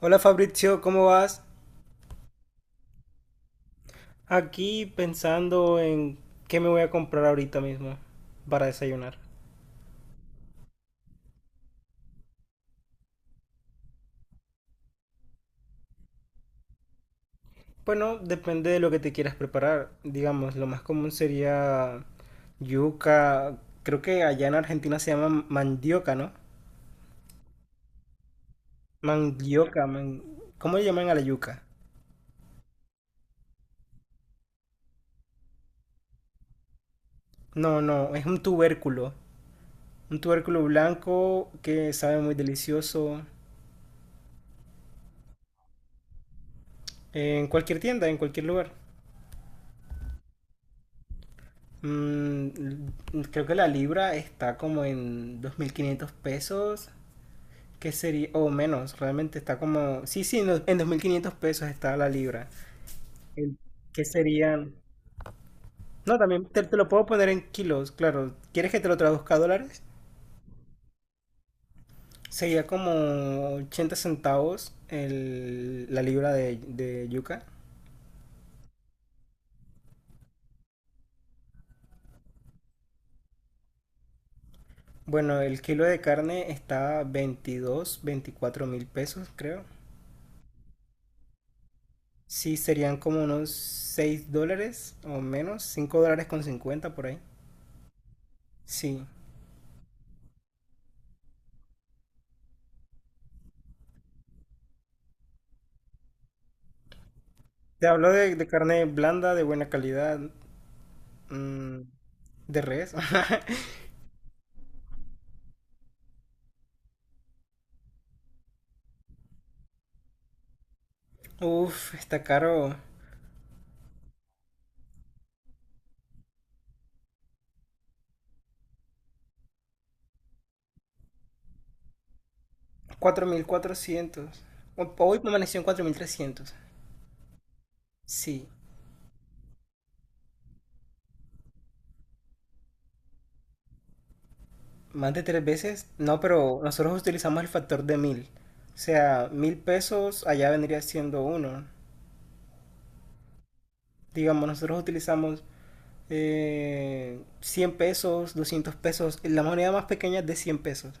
Hola Fabrizio, ¿cómo vas? Aquí pensando en qué me voy a comprar ahorita mismo para desayunar. Bueno, depende de lo que te quieras preparar. Digamos, lo más común sería yuca. Creo que allá en Argentina se llama mandioca, ¿no? Mandioca, ¿cómo le llaman a la yuca? No, no, es un tubérculo. Un tubérculo blanco que sabe muy delicioso en cualquier tienda, en cualquier lugar. Mm, creo que la libra está como en 2.500 pesos, que sería, o menos, realmente está como, sí, sí, no, en 2.500 pesos está la libra, el, que serían, no, también te lo puedo poner en kilos, claro, ¿quieres que te lo traduzca a dólares? Sería como 80 centavos la libra de yuca. Bueno, el kilo de carne está 22 24.000 pesos, creo. Sí, serían como unos $6 o menos, $5,50 por ahí. Sí. Te hablo de carne blanda, de buena calidad, mm, de res. Uf, está caro. 4.400. Hoy permaneció en 4.300. Sí, más de tres veces. No, pero nosotros utilizamos el factor de 1.000. O sea, 1.000 pesos allá vendría siendo uno. Digamos, nosotros utilizamos 100 pesos, 200 pesos. La moneda más pequeña es de 100 pesos.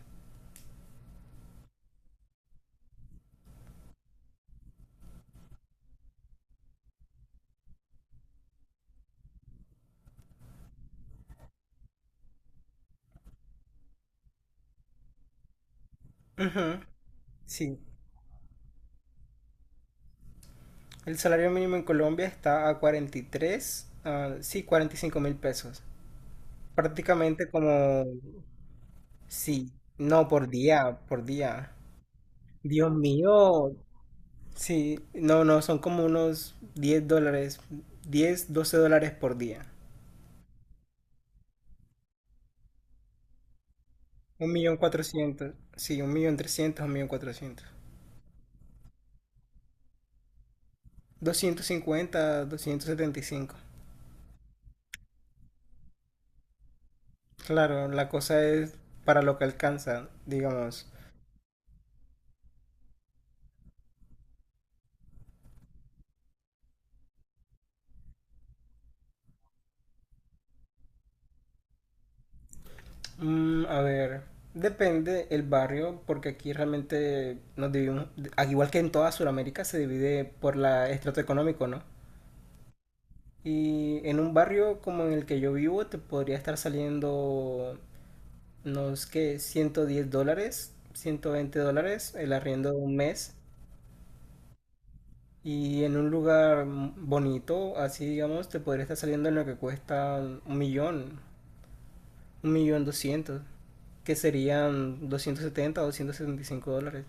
Ujú, sí, el salario mínimo en Colombia está a 43, ah, sí, 45.000 pesos. Prácticamente como, sí, no, por día, por día. Dios mío, sí, no, no, son como unos $10, 10 12 dólares por día. Un millón cuatrocientos, sí, un millón trescientos, un millón cuatrocientos. Doscientos doscientos cincuenta doscientos setenta y cinco. Claro, la cosa es para lo que alcanza, digamos. A ver, depende el barrio, porque aquí realmente nos dividimos, al igual que en toda Sudamérica, se divide por la estrato económico, ¿no? Y en un barrio como en el que yo vivo, te podría estar saliendo, no es que $110, $120 el arriendo de un mes. Y en un lugar bonito, así digamos, te podría estar saliendo en lo que cuesta un millón doscientos, que serían 270 o $275.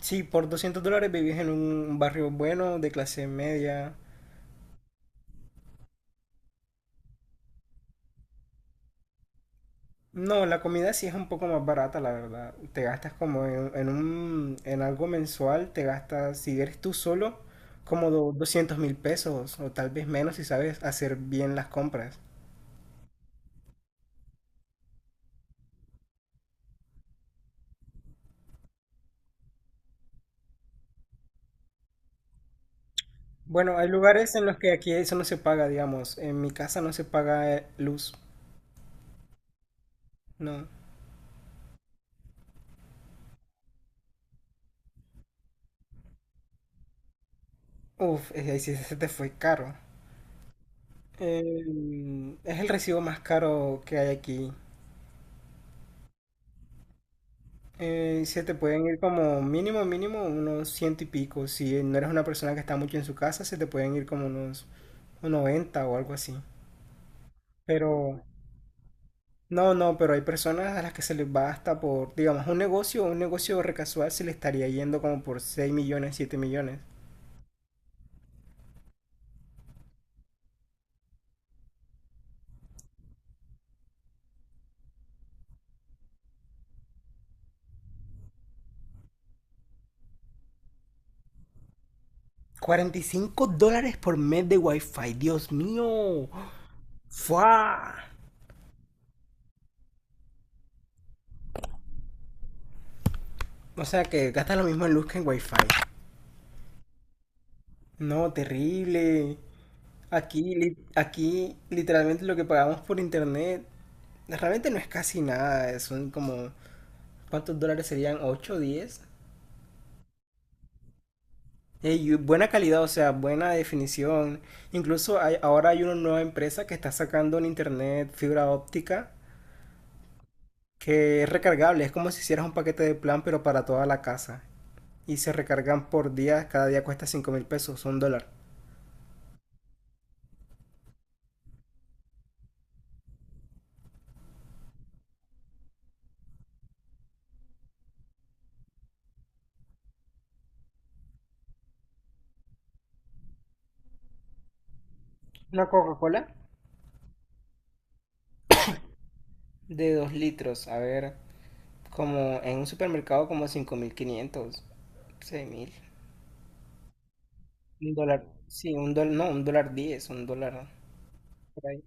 Sí, por $200 vivís en un barrio bueno, de clase media. No, la comida sí es un poco más barata, la verdad. Te gastas como en un, en algo mensual, te gastas, si eres tú solo, como 200 mil pesos o tal vez menos si sabes hacer bien las compras. Bueno, hay lugares en los que aquí eso no se paga, digamos. En mi casa no se paga luz, no. Uf, ahí sí se te fue caro. Es el recibo más caro que hay aquí. Se te pueden ir como mínimo, mínimo unos ciento y pico. Si no eres una persona que está mucho en su casa, se te pueden ir como unos 90 o algo así. Pero no, no, pero hay personas a las que se les va hasta por, digamos, un negocio recasual se le estaría yendo como por seis millones, siete millones. $45 por mes de wifi, Dios mío. ¡Fua! O sea que gasta lo mismo en luz que en wifi. No, terrible. Aquí, aquí literalmente lo que pagamos por internet realmente no es casi nada. Son como, ¿cuántos dólares serían? ¿Ocho, o 10? Y buena calidad, o sea, buena definición. Incluso ahora hay una nueva empresa que está sacando en internet fibra óptica que es recargable. Es como si hicieras un paquete de plan, pero para toda la casa. Y se recargan por día. Cada día cuesta 5.000 pesos, un dólar. Una Coca-Cola de 2 litros. A ver. Como en un supermercado como 5.500, 6.000. Un dólar, sí, un dólar, no, un dólar diez, un dólar por ahí.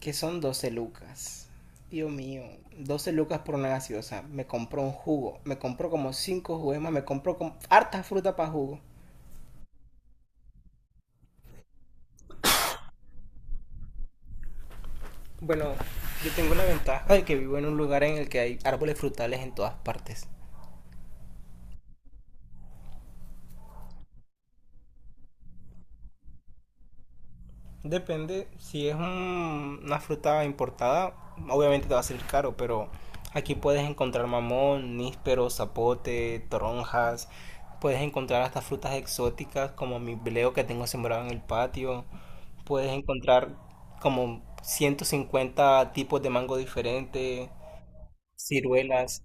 Que son 12 lucas. Dios mío, 12 lucas por una gaseosa. Me compró un jugo, me compró como 5 jugos más, me compró como harta fruta para jugo. Bueno, yo tengo la ventaja de que vivo en un lugar en el que hay árboles frutales en todas partes. Depende, si es una fruta importada, obviamente te va a salir caro, pero aquí puedes encontrar mamón, níspero, zapote, toronjas, puedes encontrar hasta frutas exóticas como mi bleo que tengo sembrado en el patio, puedes encontrar como 150 tipos de mango diferentes, ciruelas.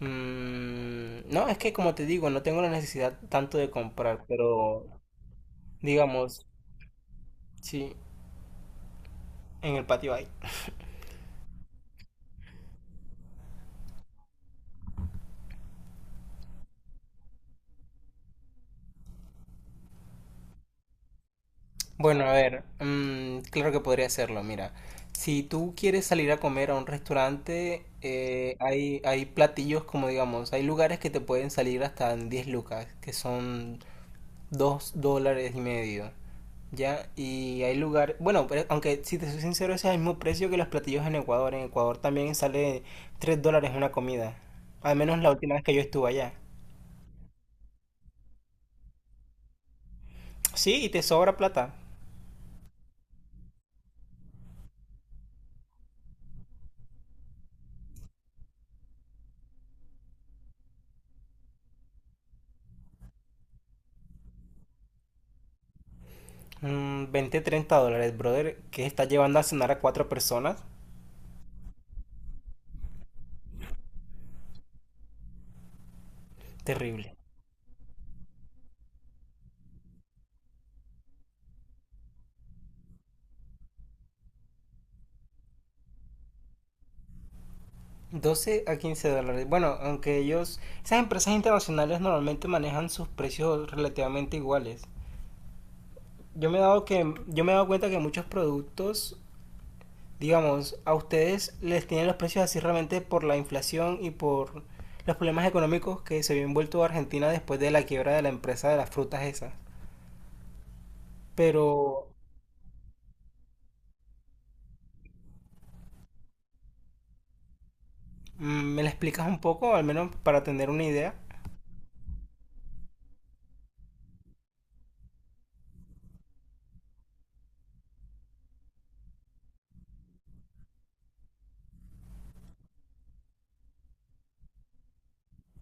Mm, no, es que como te digo, no tengo la necesidad tanto de comprar, pero digamos, sí, en el patio hay. Bueno, a ver, mm, claro que podría hacerlo. Mira, si tú quieres salir a comer a un restaurante, hay platillos como digamos, hay lugares que te pueden salir hasta en 10 lucas, que son $2,50. ¿Ya? Y hay lugares, bueno, pero aunque si te soy sincero, ese es el mismo precio que los platillos en Ecuador. En Ecuador también sale $3 una comida. Al menos la última vez que yo estuve allá. Sí, y te sobra plata. 20, $30, brother, que estás llevando a cenar a cuatro personas. Terrible. 12 a 15 dólares. Bueno, aunque ellos, esas empresas internacionales normalmente manejan sus precios relativamente iguales. Yo me he dado cuenta que muchos productos, digamos, a ustedes les tienen los precios así realmente por la inflación y por los problemas económicos que se había envuelto Argentina después de la quiebra de la empresa de las frutas esas. Pero, ¿me la explicas un poco, al menos para tener una idea?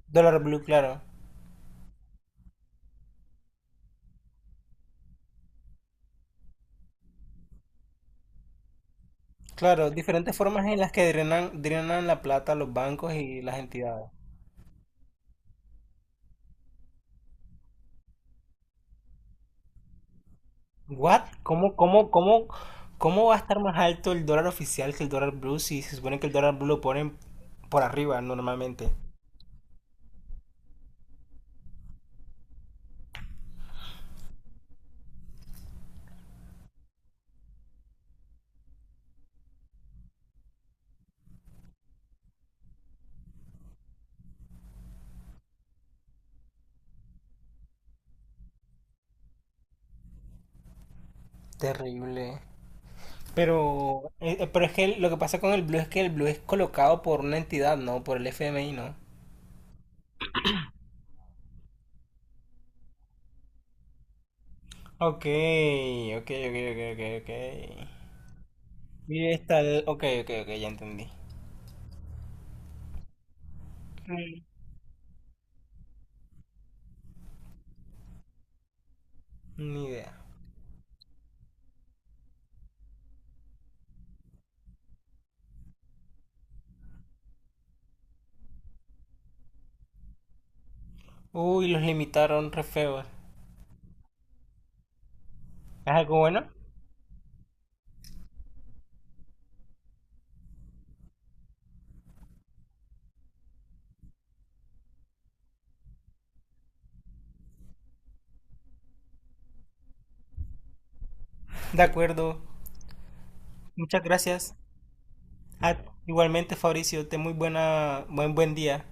Dólar Blue, claro. Claro, diferentes formas en las que drenan la plata los bancos y las entidades. ¿What? ¿Cómo va a estar más alto el dólar oficial que el dólar blue si se supone que el dólar blue lo ponen por arriba normalmente? Terrible. Pero es que lo que pasa con el blue es que el blue es colocado por una entidad, ¿no? Por el FMI, ¿no? Ok, ok, ok, ok, ok, ok. Y está el. Ok, ok, ok, ya entendí. Ni idea. Uy, los limitaron re feos. ¿Es algo bueno? De acuerdo. Muchas gracias. Ah, igualmente, Fabricio, ten muy buena, buen, buen día.